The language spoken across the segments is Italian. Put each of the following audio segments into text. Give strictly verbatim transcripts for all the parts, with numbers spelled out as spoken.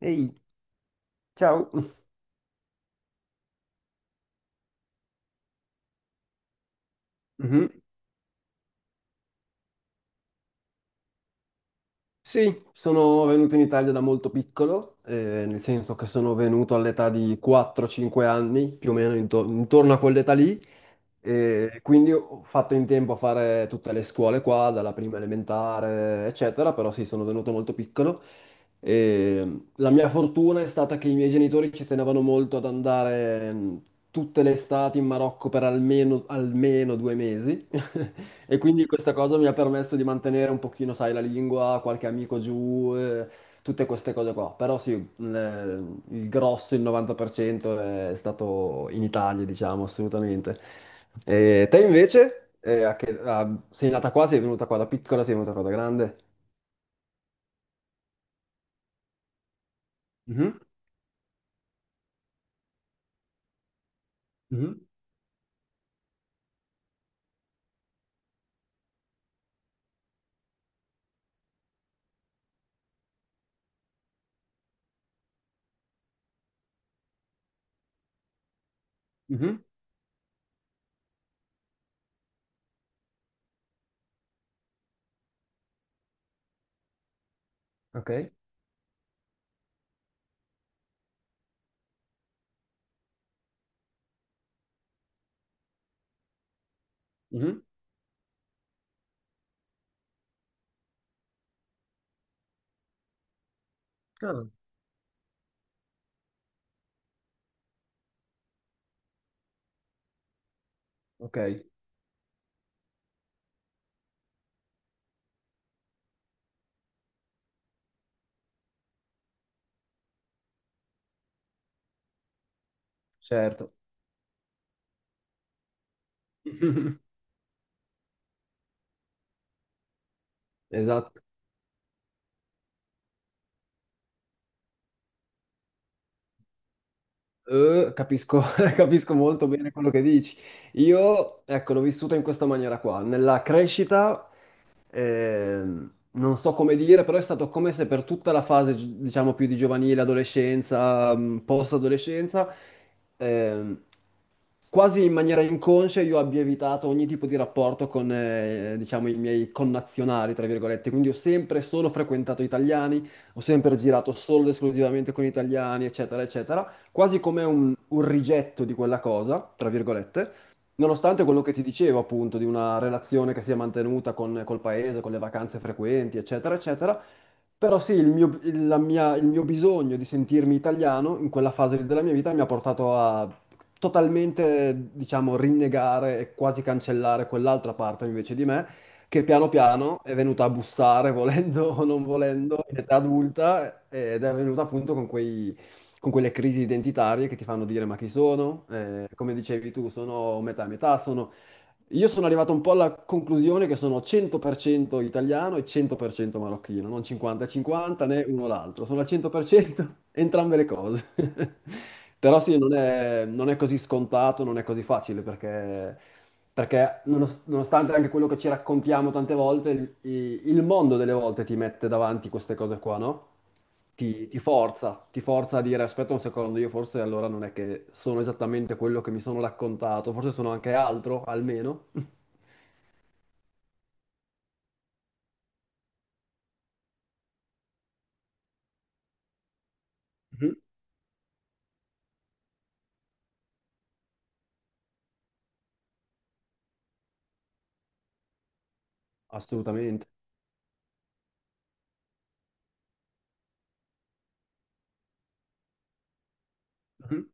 Ehi, ciao. Mhm. Sì, sono venuto in Italia da molto piccolo, eh, nel senso che sono venuto all'età di quattro cinque anni, più o meno into- intorno a quell'età lì. E quindi ho fatto in tempo a fare tutte le scuole qua, dalla prima elementare, eccetera, però sì, sono venuto molto piccolo. E la mia fortuna è stata che i miei genitori ci tenevano molto ad andare mh, tutte le estati in Marocco per almeno, almeno due mesi. E quindi questa cosa mi ha permesso di mantenere un pochino, sai, la lingua, qualche amico giù, eh, tutte queste cose qua. Però sì, il il grosso, il novanta per cento è stato in Italia, diciamo, assolutamente. E te invece, eh, a che- a- sei nata qua, sei venuta qua da piccola, sei venuta qua da grande? Mhm. Mhm. Mhm. Ok. Mhm. Ah, ok, certo. Esatto. Eh, capisco, capisco molto bene quello che dici. Io, ecco, l'ho vissuta in questa maniera qua. Nella crescita ehm, non so come dire, però è stato come se per tutta la fase, gi- diciamo, più di giovanile, adolescenza, mh, post-adolescenza, ehm, quasi in maniera inconscia io abbia evitato ogni tipo di rapporto con, eh, diciamo, i miei connazionali, tra virgolette. Quindi ho sempre solo frequentato italiani, ho sempre girato solo ed esclusivamente con italiani, eccetera, eccetera. Quasi come un, un rigetto di quella cosa, tra virgolette. Nonostante quello che ti dicevo, appunto, di una relazione che si è mantenuta con, col paese, con le vacanze frequenti, eccetera, eccetera, però sì, il mio, il- la mia- il mio bisogno di sentirmi italiano in quella fase della mia vita mi ha portato a totalmente, diciamo, rinnegare e quasi cancellare quell'altra parte invece di me, che piano piano è venuta a bussare, volendo o non volendo, in età adulta, ed è venuta appunto con quei con quelle crisi identitarie che ti fanno dire ma chi sono? Eh, come dicevi tu, sono metà e metà, sono... Io sono arrivato un po' alla conclusione che sono cento per cento italiano e cento per cento marocchino, non cinquanta cinquanta né uno l'altro, sono al cento per cento entrambe le cose. Però sì, non è, non è così scontato, non è così facile perché, perché nonos- nonostante anche quello che ci raccontiamo tante volte, il, il mondo delle volte ti mette davanti queste cose qua, no? ti, ti forza, ti forza a dire aspetta un secondo, io forse allora non è che sono esattamente quello che mi sono raccontato, forse sono anche altro, almeno. Mhm. Assolutamente. Mhm.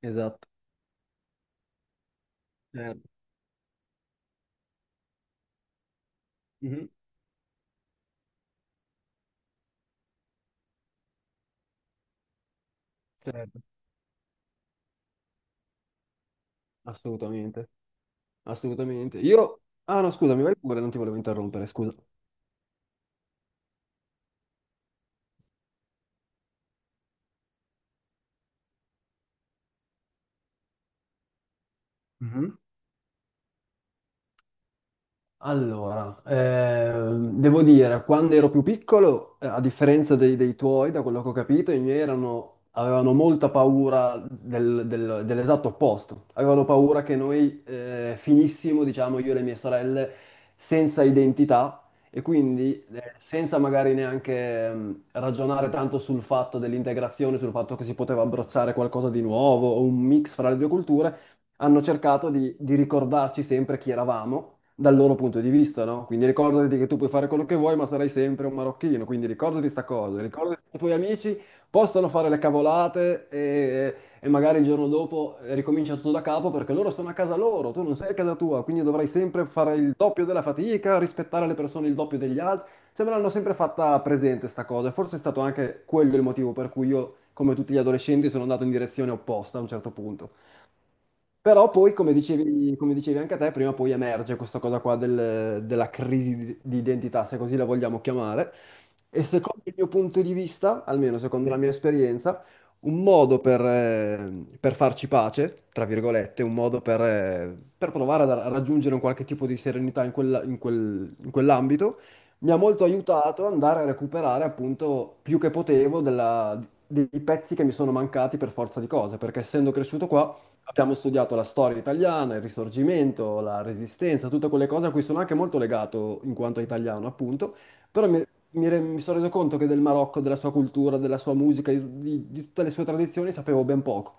Esatto. Certo. Mhm. Certo. Assolutamente. Assolutamente. Io... Ah no, scusami, vai pure, non ti volevo interrompere, scusa. Mhm. Allora, ehm, devo dire, quando ero più piccolo, eh, a differenza dei, dei tuoi, da quello che ho capito, i miei erano- avevano molta paura del- del- dell'esatto opposto. Avevano paura che noi eh, finissimo, diciamo, io e le mie sorelle, senza identità e quindi eh, senza magari neanche ehm, ragionare tanto sul fatto dell'integrazione, sul fatto che si poteva abbracciare qualcosa di nuovo o un mix fra le due culture, hanno cercato di di ricordarci sempre chi eravamo dal loro punto di vista, no? Quindi ricordati che tu puoi fare quello che vuoi, ma sarai sempre un marocchino, quindi ricordati sta cosa, ricordati che i tuoi amici possono fare le cavolate e, e magari il giorno dopo eh, ricomincia tutto da capo perché loro sono a casa loro, tu non sei a casa tua, quindi dovrai sempre fare il doppio della fatica, rispettare le persone il doppio degli altri. Cioè, me l'hanno sempre fatta presente sta cosa, e forse è stato anche quello il motivo per cui io, come tutti gli adolescenti, sono andato in direzione opposta a un certo punto. Però poi, come dicevi, come dicevi anche a te, prima o poi emerge questa cosa qua del- della crisi di, di identità, se così la vogliamo chiamare. E secondo il mio punto di vista, almeno secondo la mia esperienza, un modo per, eh, per farci pace, tra virgolette, un modo per, eh, per provare a raggiungere un qualche tipo di serenità in quella- in quel- in quell'ambito, mi ha molto aiutato ad andare a recuperare appunto più che potevo della- dei pezzi che mi sono mancati per forza di cose, perché essendo cresciuto qua... Abbiamo studiato la storia italiana, il Risorgimento, la Resistenza, tutte quelle cose a cui sono anche molto legato in quanto italiano, appunto, però mi, mi re- mi sono reso conto che del Marocco, della sua cultura, della sua musica, di, di tutte le sue tradizioni sapevo ben poco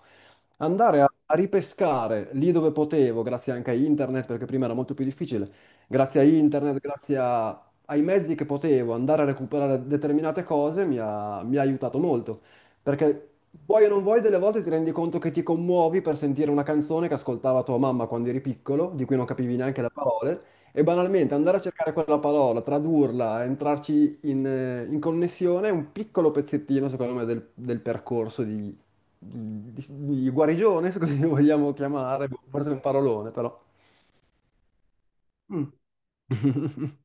andare a, a ripescare lì dove potevo, grazie anche a internet, perché prima era molto più difficile, grazie a internet, grazie a- ai mezzi che potevo andare a recuperare determinate cose, mi ha, mi ha aiutato molto. Perché vuoi o non vuoi, delle volte ti rendi conto che ti commuovi per sentire una canzone che ascoltava tua mamma quando eri piccolo, di cui non capivi neanche le parole. E banalmente andare a cercare quella parola, tradurla, entrarci in, eh, in connessione è un piccolo pezzettino, secondo me, del, del percorso di, di, di- di guarigione, se così lo vogliamo chiamare, boh, forse è un parolone, però. Mm.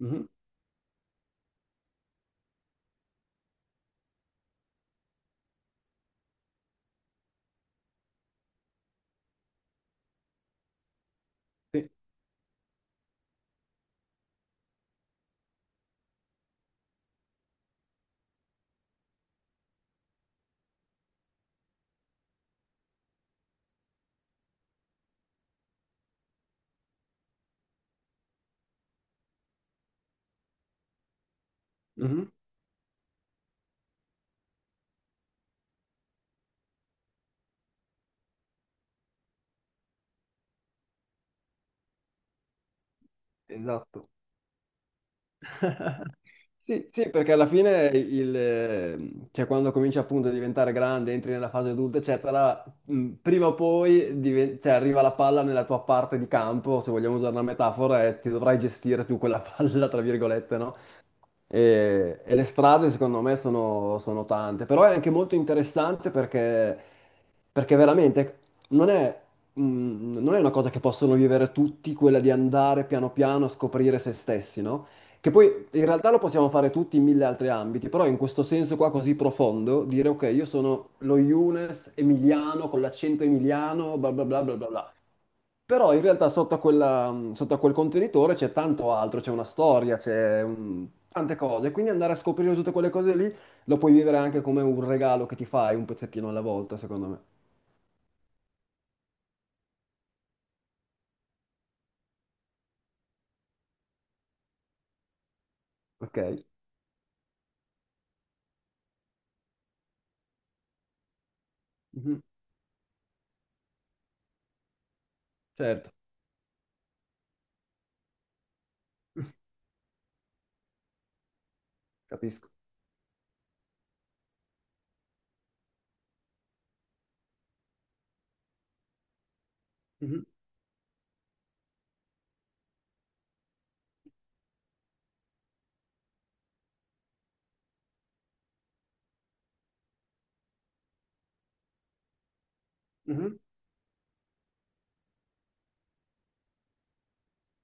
Mhm. Sì, mhm, esatto. Sì, sì, perché alla fine il, eh, cioè quando cominci appunto a diventare grande, entri nella fase adulta, eccetera, mh, prima o poi diven- cioè, arriva la palla nella tua parte di campo, se vogliamo usare una metafora, e ti dovrai gestire tu quella palla, tra virgolette, no? E, e le strade secondo me sono, sono tante, però è anche molto interessante perché Perché veramente non è, mm, non è una cosa che possono vivere tutti, quella di andare piano piano a scoprire se stessi, no? Che poi in realtà lo possiamo fare tutti in mille altri ambiti, però in questo senso qua così profondo, dire ok, io sono lo Younes emiliano con l'accento emiliano, bla bla bla bla bla bla. Però in realtà sotto a quella- sotto a quel contenitore c'è tanto altro, c'è una storia, c'è mm, tante cose, quindi andare a scoprire tutte quelle cose lì lo puoi vivere anche come un regalo che ti fai un pezzettino alla volta, secondo me. Ok. Mhm. Certo. Capisco. Mhm. Mhm.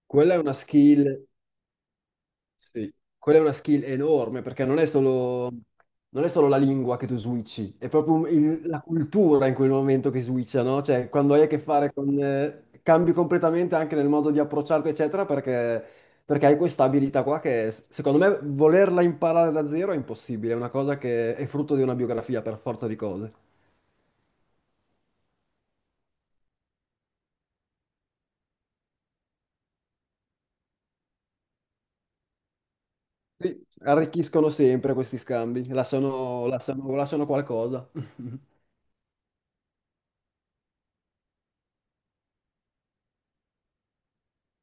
Quella è una skill, sì, quella è una skill enorme perché non è solo, non è solo la lingua che tu switchi, è proprio un- il- la cultura in quel momento che switcha, no? Cioè, quando hai a che fare con... eh, cambi completamente anche nel modo di approcciarti, eccetera, perché, perché hai questa abilità qua che, s- secondo me, volerla imparare da zero è impossibile, è una cosa che è frutto di una biografia per forza di cose. Sì, arricchiscono sempre questi scambi, lasciano, lasciano- lasciano qualcosa.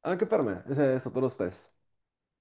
Anche per me è stato lo stesso.